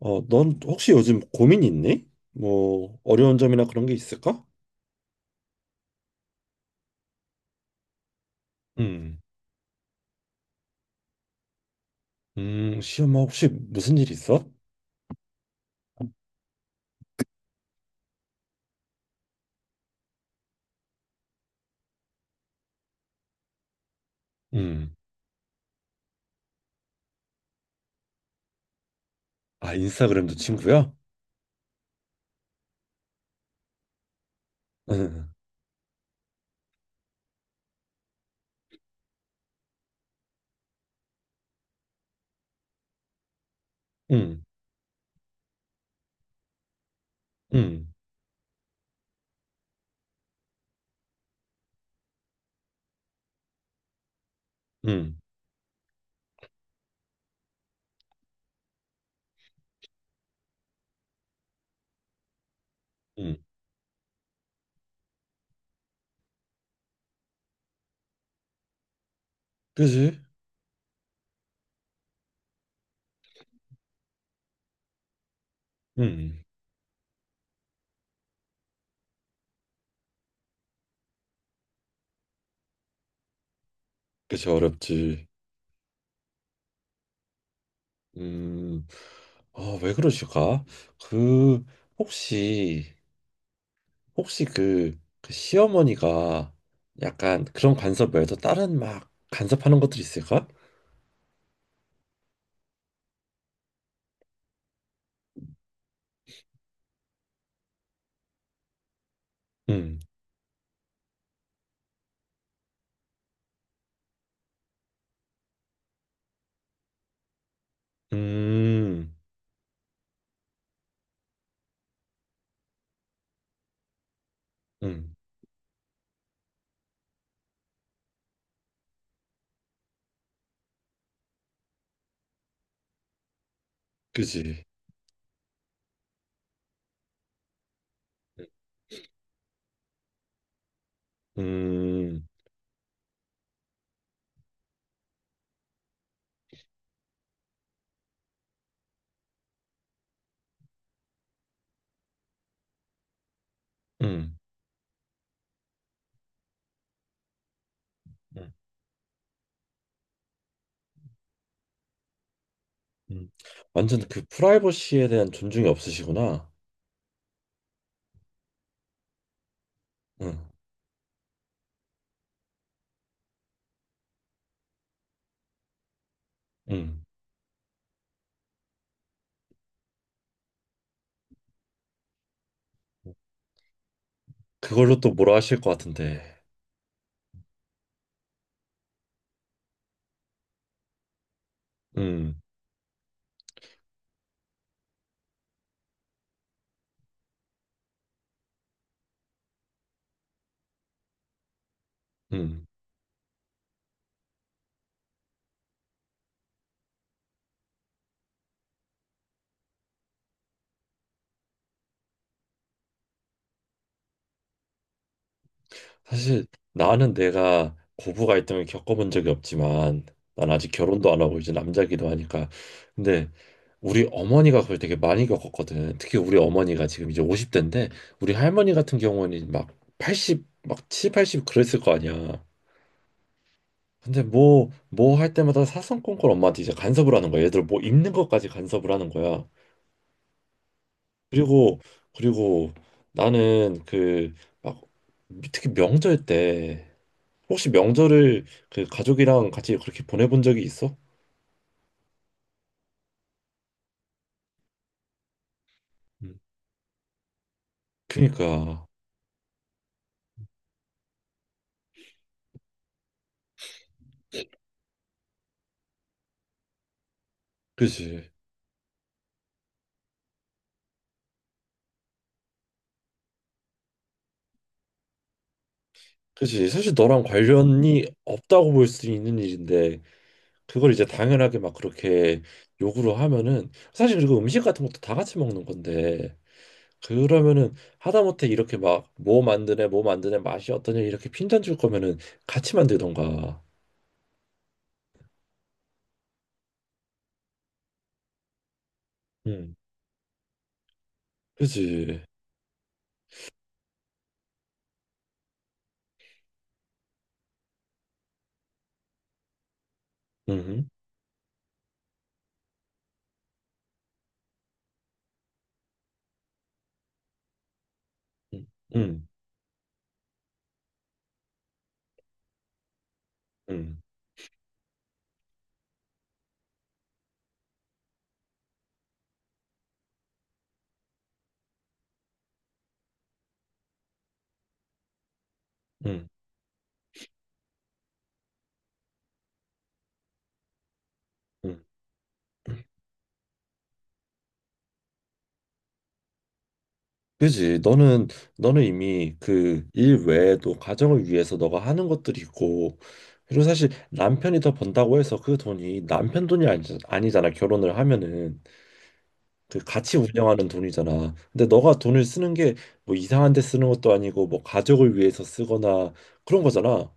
넌 혹시 요즘 고민 있니? 뭐 어려운 점이나 그런 게 있을까? 음, 시험아 혹시 무슨 일 있어? 음, 아 인스타그램도 친구야? 응. 응. 응. 응. 응, 그지? 음, 그지 어렵지. 음, 아, 왜 그러실까? 그 혹시 혹시 그 시어머니가 약간 그런 간섭 외에도 다른 막 간섭하는 것들이 있을까? 음, 음. 음. 그지. 음, 음, 음, 음. 완전 그 프라이버시에 대한 존중이 없으시구나. 음, 음. 그걸로 또 뭐라 하실 것 같은데. 음, 음. 사실 나는 내가 고부 갈등을 겪어본 적이 없지만, 난 아직 결혼도 안 하고 이제 남자기도 하니까. 근데 우리 어머니가 그걸 되게 많이 겪었거든. 특히 우리 어머니가 지금 이제 50대인데, 우리 할머니 같은 경우는 막 80, 막 칠, 80 그랬을 거 아니야. 근데 뭐 할 때마다 사성건건 엄마한테 이제 간섭을 하는 거야. 얘들 뭐 입는 것까지 간섭을 하는 거야. 그리고 그리고 나는 그 막 특히 명절 때 혹시 명절을 그 가족이랑 같이 그렇게 보내본 적이 있어? 음. 그니까 그지, 그지. 사실 너랑 관련이 없다고 볼 수 있는 일인데 그걸 이제 당연하게 막 그렇게 요구를 하면은, 사실, 그리고 음식 같은 것도 다 같이 먹는 건데, 그러면은 하다못해 이렇게 막 뭐 만드네 뭐 만드네 맛이 어떠냐 이렇게 핀잔 줄 거면은 같이 만들던가. 응, 그지, 응응응응응, 응, 응, 응, 응, 응. 그지. 너는 이미 그 일 외에도 가정을 위해서 너가 하는 것들이 있고, 그리고 사실 남편이 더 번다고 해서 그 돈이 남편 돈이 아니, 아니잖아 결혼을 하면은 그 같이 운영하는 돈이잖아. 근데 너가 돈을 쓰는 게 뭐 이상한 데 쓰는 것도 아니고 뭐 가족을 위해서 쓰거나 그런 거잖아.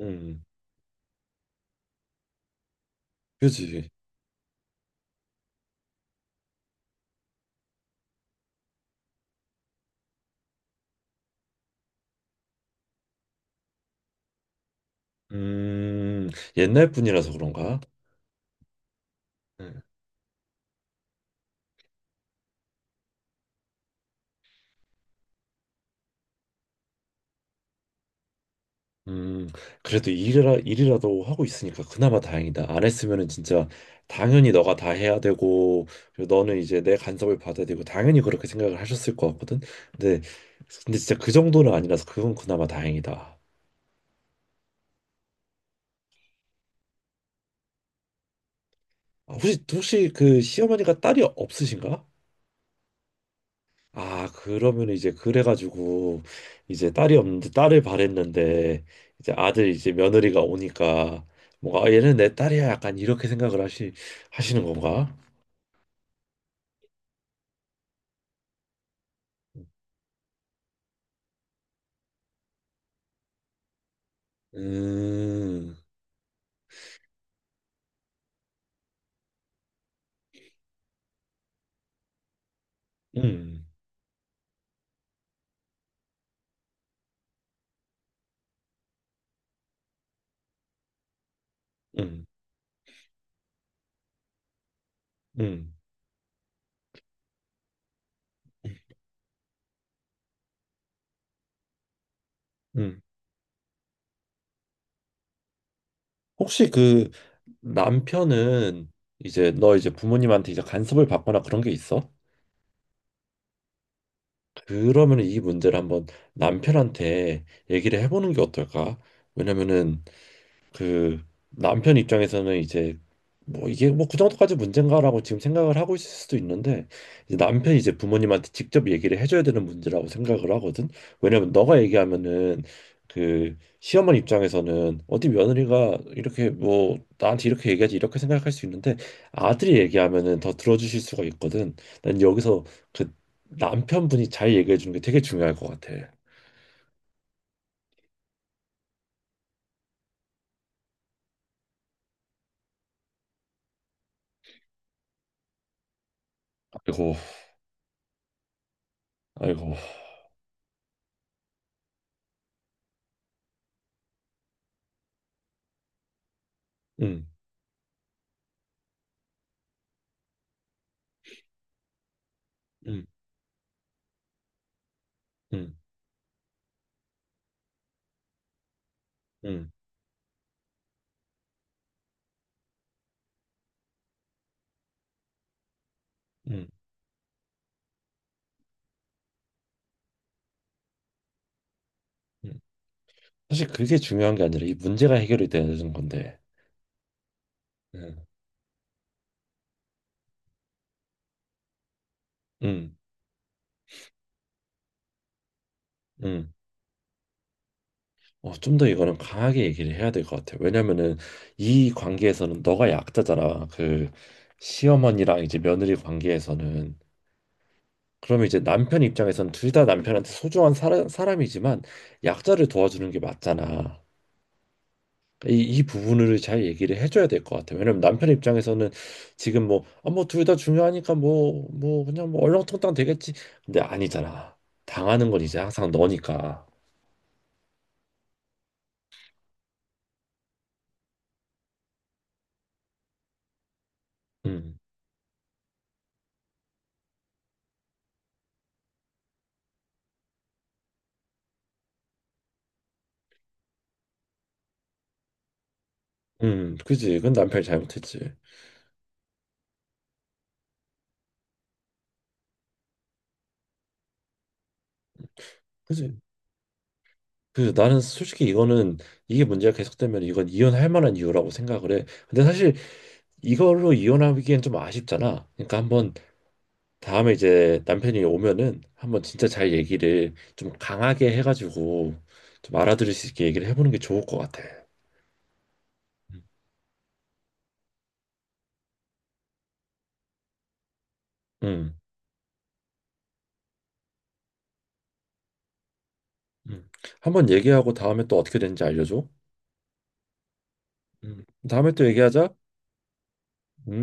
음, 그지. 음, 옛날 분이라서 그런가? 음, 음, 그래도 일이라도 하고 있으니까 그나마 다행이다. 안 했으면은 진짜 당연히 너가 다 해야 되고, 그리고 너는 이제 내 간섭을 받아야 되고 당연히 그렇게 생각을 하셨을 것 같거든. 근데 근데 진짜 그 정도는 아니라서 그건 그나마 다행이다. 아, 혹시 그 시어머니가 딸이 없으신가? 아, 그러면 이제 그래가지고 이제 딸이 없는데 딸을 바랬는데 이제 아들 이제 며느리가 오니까 뭔가, 아, 얘는 내 딸이야, 약간 이렇게 생각을 하시는 건가? 음, 음, 음, 음, 음. 혹시 그 남편은 이제 너 이제 부모님한테 이제 간섭을 받거나 그런 게 있어? 그러면 이 문제를 한번 남편한테 얘기를 해보는 게 어떨까? 왜냐면은 그 남편 입장에서는 이제 뭐 이게 뭐 그 정도까지 문제인가라고 지금 생각을 하고 있을 수도 있는데, 이제 남편이 이제 부모님한테 직접 얘기를 해줘야 되는 문제라고 생각을 하거든. 왜냐면 너가 얘기하면은 그 시어머니 입장에서는 어디 며느리가 이렇게 뭐 나한테 이렇게 얘기하지 이렇게 생각할 수 있는데, 아들이 얘기하면은 더 들어주실 수가 있거든. 난 여기서 그 남편분이 잘 얘기해 주는 게 되게 중요할 것 같아. 아이고, 아이고. 응, 응, 응, 응, 응. 응. 사실 그게 중요한 게 아니라 이 문제가 해결이 되는 건데. 음. 음. 음. 좀 더 이거는 강하게 얘기를 해야 될 것 같아. 왜냐면은 이 관계에서는 너가 약자잖아. 그 시어머니랑 이제 며느리 관계에서는, 그러면 이제 남편 입장에서는 둘 다 남편한테 소중한 사람이지만 약자를 도와주는 게 맞잖아. 이 부분을 잘 얘기를 해줘야 될 것 같아요. 왜냐면 남편 입장에서는 지금 뭐, 아, 뭐, 둘 다 중요하니까 뭐, 그냥 뭐, 얼렁뚱땅 되겠지. 근데 아니잖아. 당하는 건 이제 항상 너니까. 음, 그지. 그건 남편이 잘못했지. 그지. 그 나는 솔직히 이거는 이게 문제가 계속되면 이건 이혼할 만한 이유라고 생각을 해. 근데 사실 이걸로 이혼하기엔 좀 아쉽잖아. 그러니까 한번 다음에 이제 남편이 오면은 한번 진짜 잘 얘기를 좀 강하게 해가지고 좀 알아들을 수 있게 얘기를 해보는 게 좋을 것 같아. 응, 응. 한번 얘기하고 다음에 또 어떻게 되는지 알려줘. 응. 다음에 또 얘기하자. 응?